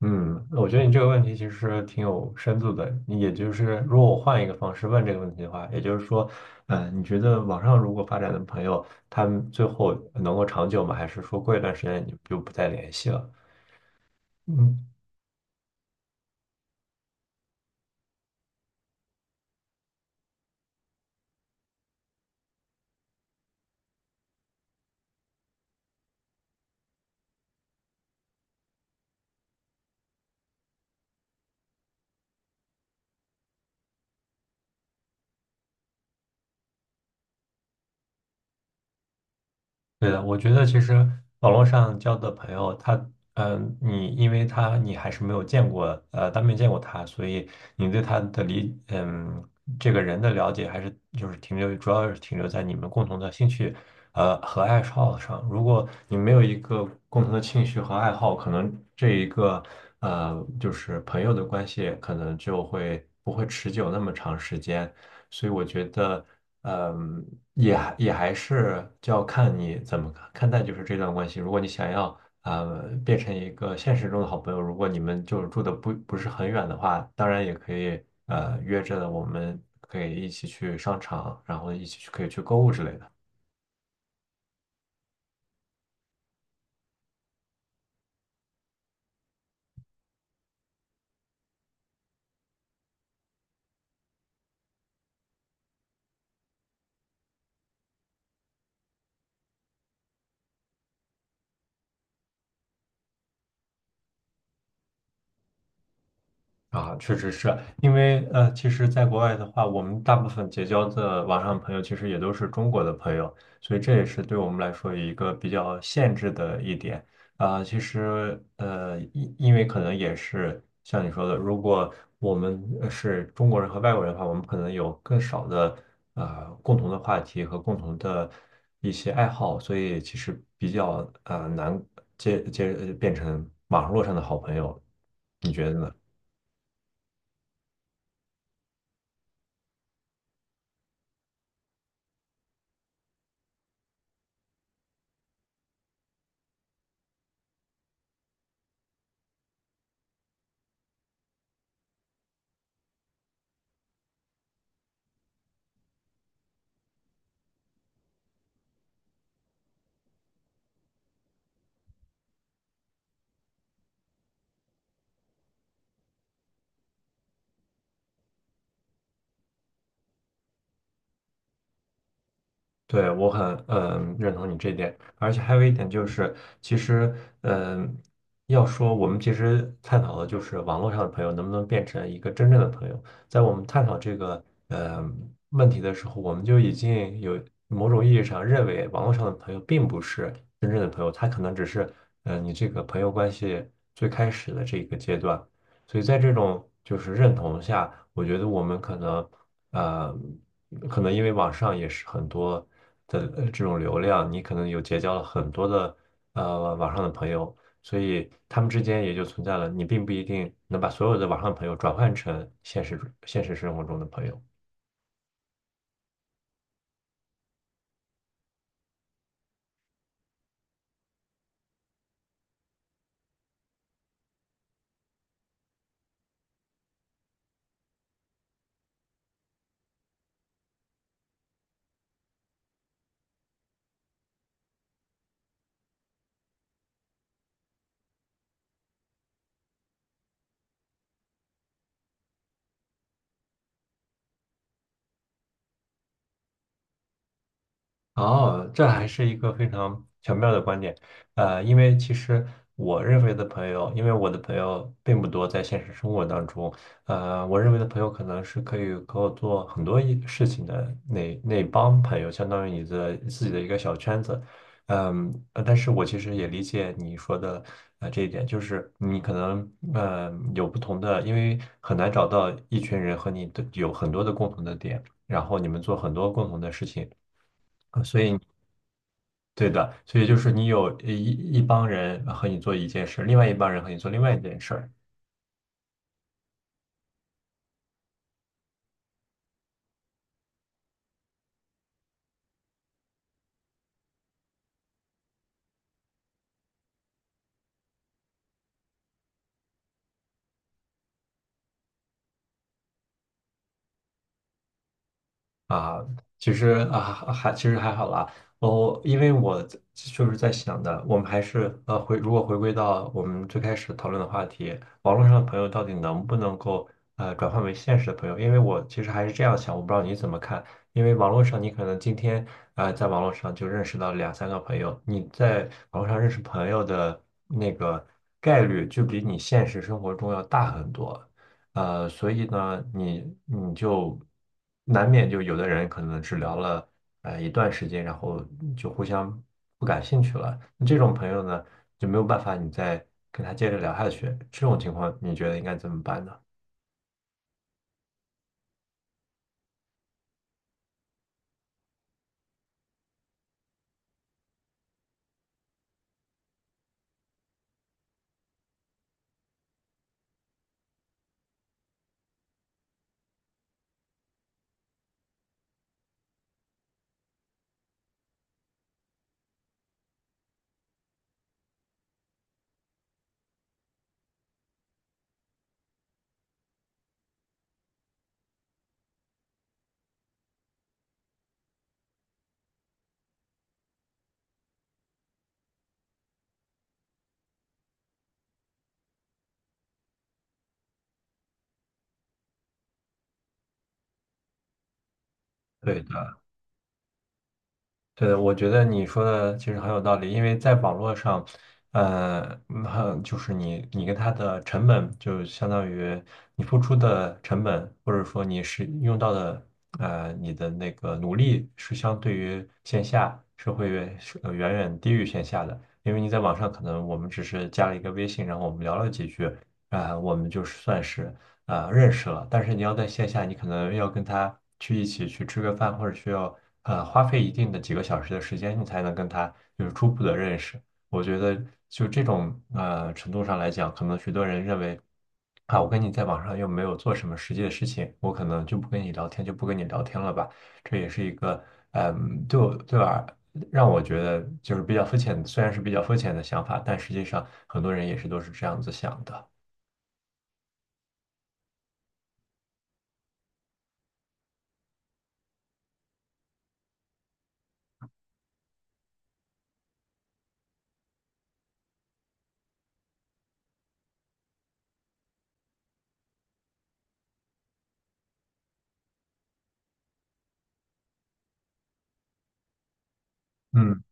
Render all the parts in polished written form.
嗯，我觉得你这个问题其实挺有深度的。你也就是，如果我换一个方式问这个问题的话，也就是说，你觉得网上如果发展的朋友，他们最后能够长久吗？还是说过一段时间你就不再联系了？嗯，对的，我觉得其实网络上交的朋友，他，你因为他你还是没有见过，当面见过他，所以你对他的理，嗯，这个人的了解还是就是停留，主要是停留在你们共同的兴趣，和爱好上。如果你没有一个共同的兴趣和爱好，可能这一个，呃，就是朋友的关系可能就会不会持久那么长时间。所以我觉得，嗯，也还是就要看你怎么看待就是这段关系。如果你想要变成一个现实中的好朋友，如果你们就是住的不是很远的话，当然也可以约着我们可以一起去商场，然后一起去可以去购物之类的。啊，确实是因为其实，在国外的话，我们大部分结交的网上朋友，其实也都是中国的朋友，所以这也是对我们来说一个比较限制的一点啊。其实因为可能也是像你说的，如果我们是中国人和外国人的话，我们可能有更少的共同的话题和共同的一些爱好，所以其实比较难变成网络上的好朋友，你觉得呢？对，我很认同你这一点，而且还有一点就是，其实嗯，要说我们其实探讨的就是网络上的朋友能不能变成一个真正的朋友，在我们探讨这个问题的时候，我们就已经有某种意义上认为网络上的朋友并不是真正的朋友，他可能只是你这个朋友关系最开始的这一个阶段，所以在这种就是认同下，我觉得我们可能。呃，可能因为网上也是很多的这种流量，你可能有结交了很多的网上的朋友，所以他们之间也就存在了，你并不一定能把所有的网上朋友转换成现实生活中的朋友。哦，这还是一个非常巧妙的观点，因为其实我认为的朋友，因为我的朋友并不多，在现实生活当中，我认为的朋友可能是可以和我做很多一事情的那帮朋友，相当于你的自己的一个小圈子，但是我其实也理解你说的这一点，就是你可能有不同的，因为很难找到一群人和你的有很多的共同的点，然后你们做很多共同的事情。所以对的，所以就是你有一帮人和你做一件事，另外一帮人和你做另外一件事，啊，其实啊其实还好啦。我因为我在就是在想的，我们还是如果回归到我们最开始讨论的话题，网络上的朋友到底能不能够转换为现实的朋友？因为我其实还是这样想，我不知道你怎么看。因为网络上你可能今天在网络上就认识到两三个朋友，你在网络上认识朋友的那个概率就比你现实生活中要大很多。所以呢，你就难免就有的人可能只聊了一段时间，然后就互相不感兴趣了。那这种朋友呢，就没有办法你再跟他接着聊下去。这种情况，你觉得应该怎么办呢？对的。对的，我觉得你说的其实很有道理，因为在网络上，呃，嗯很就是你跟他的成本，就相当于你付出的成本，或者说你是用到的，你的那个努力是相对于线下是会远是远远低于线下的，因为你在网上可能我们只是加了一个微信，然后我们聊了几句，啊、我们就算是。认识了，但是你要在线下，你可能要跟他去一起去吃个饭，或者需要花费一定的几个小时的时间，你才能跟他有初步的认识。我觉得就这种程度上来讲，可能许多人认为啊，我跟你在网上又没有做什么实际的事情，我可能就不跟你聊天了吧。这也是一个对我对吧？让我觉得就是比较肤浅，虽然是比较肤浅的想法，但实际上很多人也是都是这样子想的。嗯，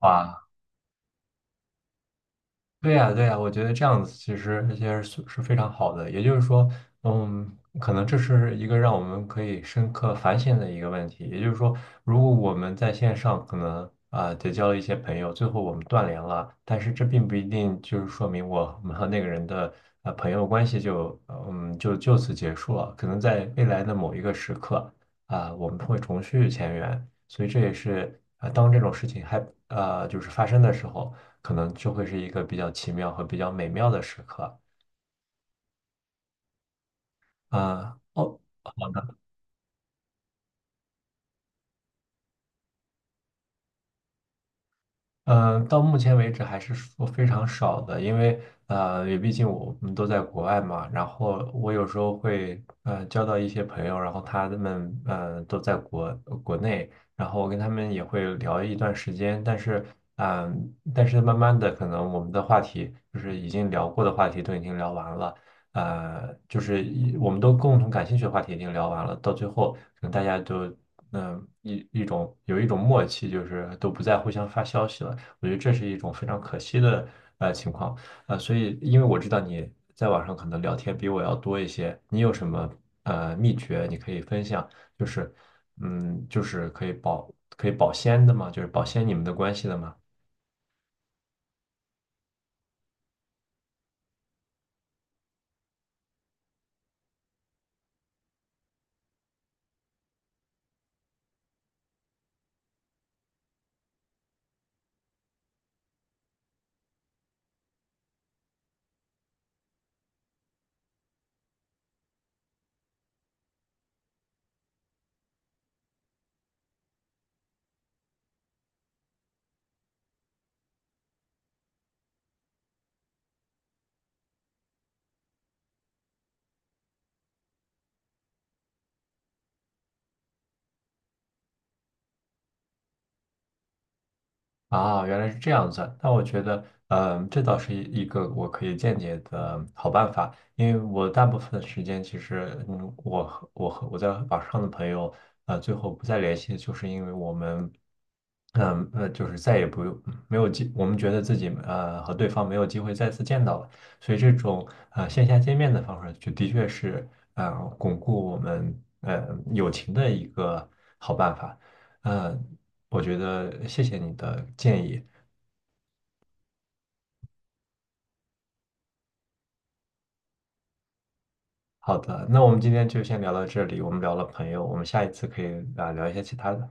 哇，对呀，对呀，我觉得这样子其实是非常好的。也就是说，嗯，可能这是一个让我们可以深刻反省的一个问题。也就是说，如果我们在线上可能结交了一些朋友，最后我们断联了，但是这并不一定就是说明我们和那个人的朋友关系就呃嗯就就此结束了。可能在未来的某一个时刻我们会重续前缘。所以这也是当这种事情就是发生的时候。可能就会是一个比较奇妙和比较美妙的时刻。啊、哦，嗯，到目前为止还是说非常少的，因为也毕竟我们都在国外嘛，然后我有时候会交到一些朋友，然后他们都在国内，然后我跟他们也会聊一段时间，但是慢慢的可能我们的话题就是已经聊过的话题都已经聊完了，就是我们都共同感兴趣的话题已经聊完了，到最后可能大家都。嗯，一一种有一种默契，就是都不再互相发消息了。我觉得这是一种非常可惜的情况。所以因为我知道你在网上可能聊天比我要多一些，你有什么秘诀你可以分享？就是就是可以保鲜的吗？就是保鲜你们的关系的吗？啊，原来是这样子。那我觉得，这倒是一个我可以间接的好办法，因为我大部分时间其实，我在网上的朋友，最后不再联系，就是因为我们，就是再也不用没有机，我们觉得自己和对方没有机会再次见到了，所以这种线下见面的方式，就的确是呃巩固我们友情的一个好办法。嗯，我觉得谢谢你的建议。好的，那我们今天就先聊到这里。我们聊了朋友，我们下一次可以聊一些其他的。